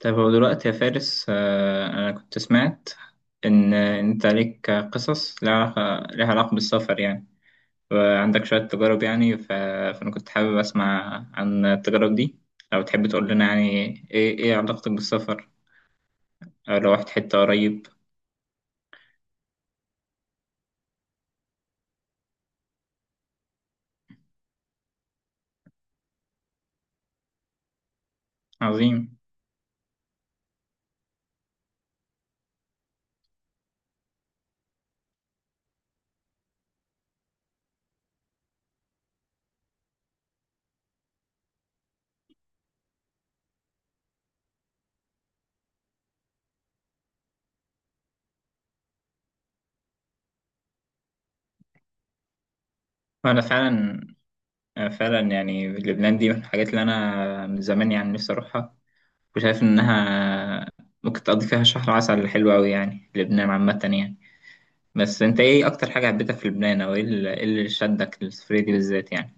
طيب هو دلوقتي يا فارس أنا كنت سمعت إن أنت عليك قصص لها علاقة لها علاقة بالسفر يعني وعندك شوية تجارب يعني فأنا كنت حابب أسمع عن التجارب دي لو تحب تقول لنا يعني إيه علاقتك بالسفر أو لو رحت حتة قريب. عظيم. وأنا فعلا يعني لبنان دي من الحاجات اللي أنا من زمان يعني نفسي أروحها، وشايف إنها ممكن تقضي فيها شهر عسل حلو أوي يعني لبنان عامة يعني. بس انت ايه اكتر حاجة حبيتها في لبنان او ايه إيه اللي شدك للسفرية دي بالذات يعني؟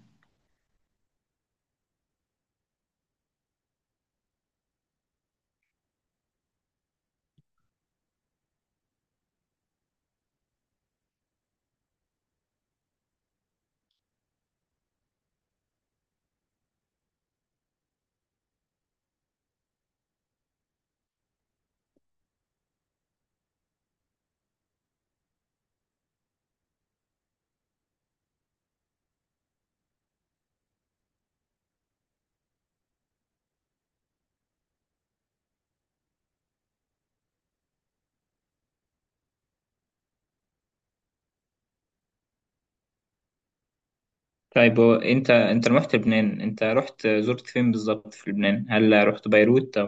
طيب هو انت لما رحت لبنان انت رحت زرت فين بالظبط في لبنان؟ هل رحت بيروت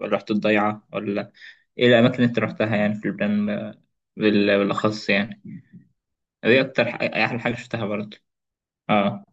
ولا رحت الضيعة ولا ايه الاماكن اللي انت رحتها يعني في لبنان بالاخص يعني؟ ايه احلى حاجة شفتها برضه؟ اه.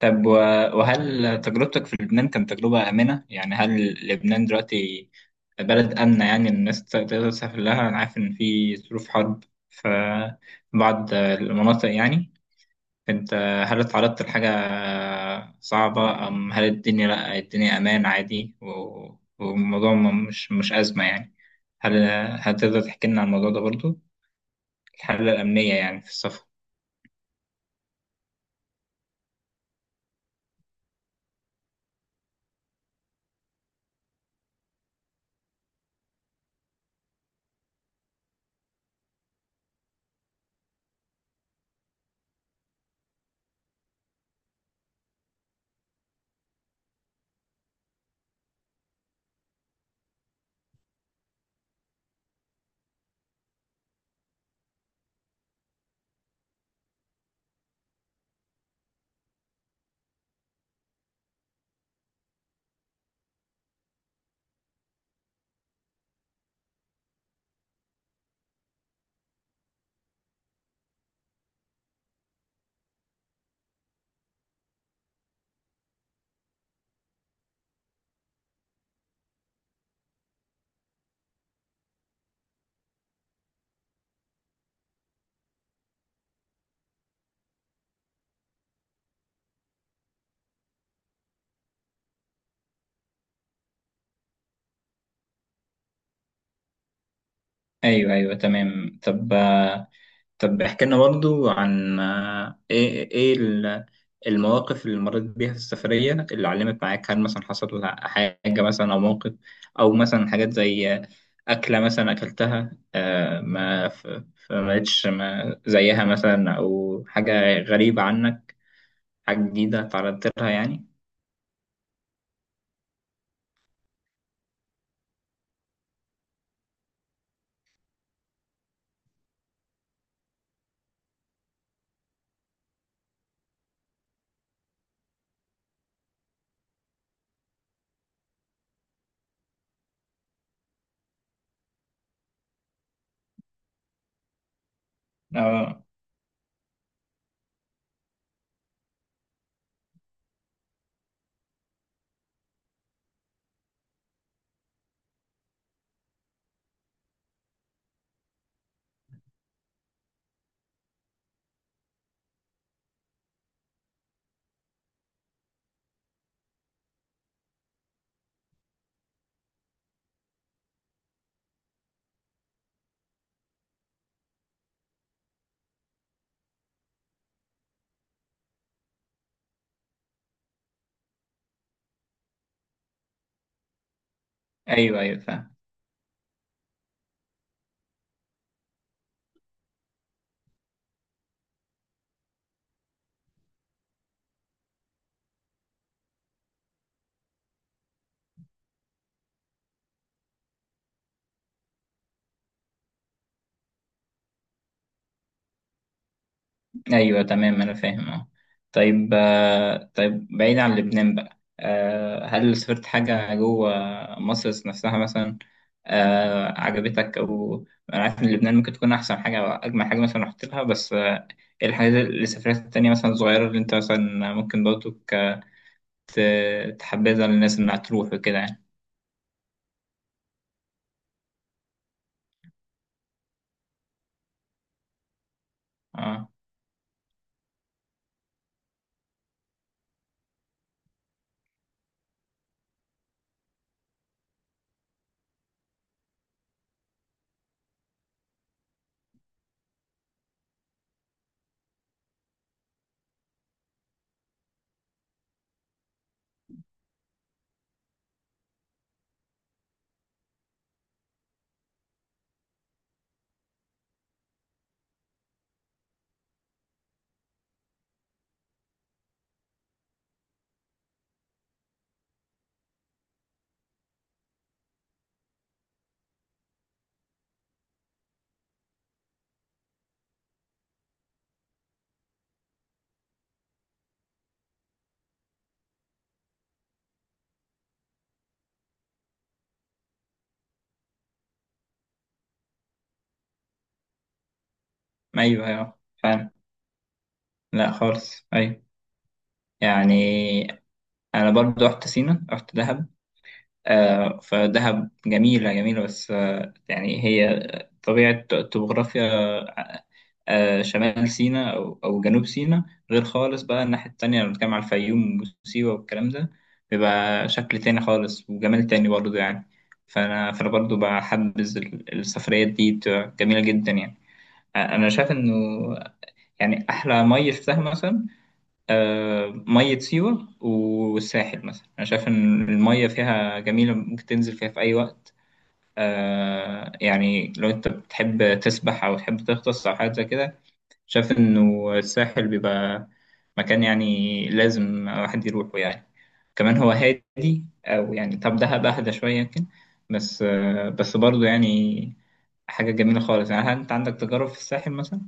طب وهل تجربتك في لبنان كانت تجربة آمنة؟ يعني هل لبنان دلوقتي بلد آمنة يعني الناس تقدر تسافر لها؟ أنا عارف إن في ظروف حرب في بعض المناطق يعني. أنت هل اتعرضت لحاجة صعبة؟ أم هل الدنيا، لأ الدنيا أمان عادي، والموضوع مش أزمة يعني؟ هل هتقدر تحكي لنا عن الموضوع ده برضو؟ الحالة الأمنية يعني في السفر. أيوه أيوه تمام. طب طب احكي لنا برضو عن ايه المواقف اللي مريت بيها في السفرية اللي علمت معاك. هل مثلا حصل حاجة مثلا أو موقف أو مثلا حاجات زي أكلة مثلا أكلتها، ما فما لقيتش ما زيها مثلا، أو حاجة غريبة عنك، حاجة جديدة تعرضت لها يعني؟ آه، أيوه أيوه فاهم. ايوه تمام انا فاهم. اه. طيب طيب بعيد عن لبنان بقى، هل سافرت حاجة جوه مصر نفسها مثلا عجبتك؟ او انا عارف ان لبنان ممكن تكون احسن حاجة او اجمل حاجة مثلا رحت لها، بس ايه الحاجات اللي سافرت التانية مثلا صغيرة اللي انت مثلا ممكن برضو تحبذها للناس انها تروح وكده يعني؟ اه. ايوه ايوه فعلا. لا خالص، ايوه. يعني انا برضو رحت سينا، رحت دهب، فدهب جميلة جميلة، بس يعني هي طبيعة توبوغرافيا شمال سيناء أو جنوب سيناء غير خالص بقى. الناحية التانية لما بنتكلم على الفيوم وسيوة والكلام ده بيبقى شكل تاني خالص وجمال تاني برضه يعني. فأنا برضه بحبذ السفريات دي بتبقى جميلة جدا يعني. أنا شايف إنه يعني أحلى مية شفتها مثلا مية سيوة والساحل. مثلا أنا شايف إن المية فيها جميلة ممكن تنزل فيها في أي وقت. آه يعني لو انت بتحب تسبح او تحب تغطس او حاجه زي كده، شايف انه الساحل بيبقى مكان يعني لازم واحد يروحه يعني. كمان هو هادي، او يعني طب دهب اهدى شويه يمكن، بس آه بس برضه يعني حاجه جميله خالص يعني. هل انت عندك تجارب في الساحل مثلا؟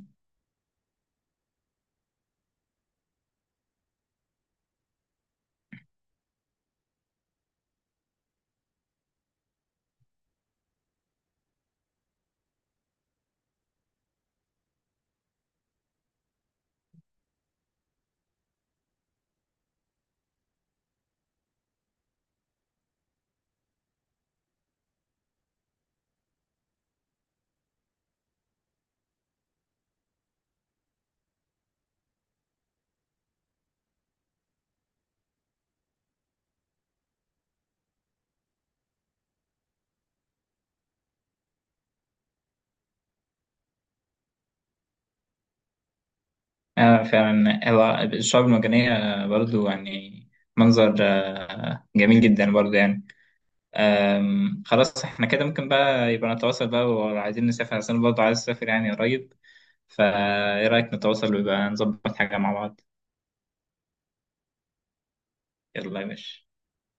آه فعلا هو الشعاب المرجانيه برضه يعني منظر آه جميل جدا برضه يعني. خلاص احنا كده ممكن بقى يبقى نتواصل بقى، وعايزين نسافر عشان برضه عايز اسافر يعني قريب. فايه رأيك نتواصل ويبقى نظبط حاجة مع بعض؟ يلا يا باشا.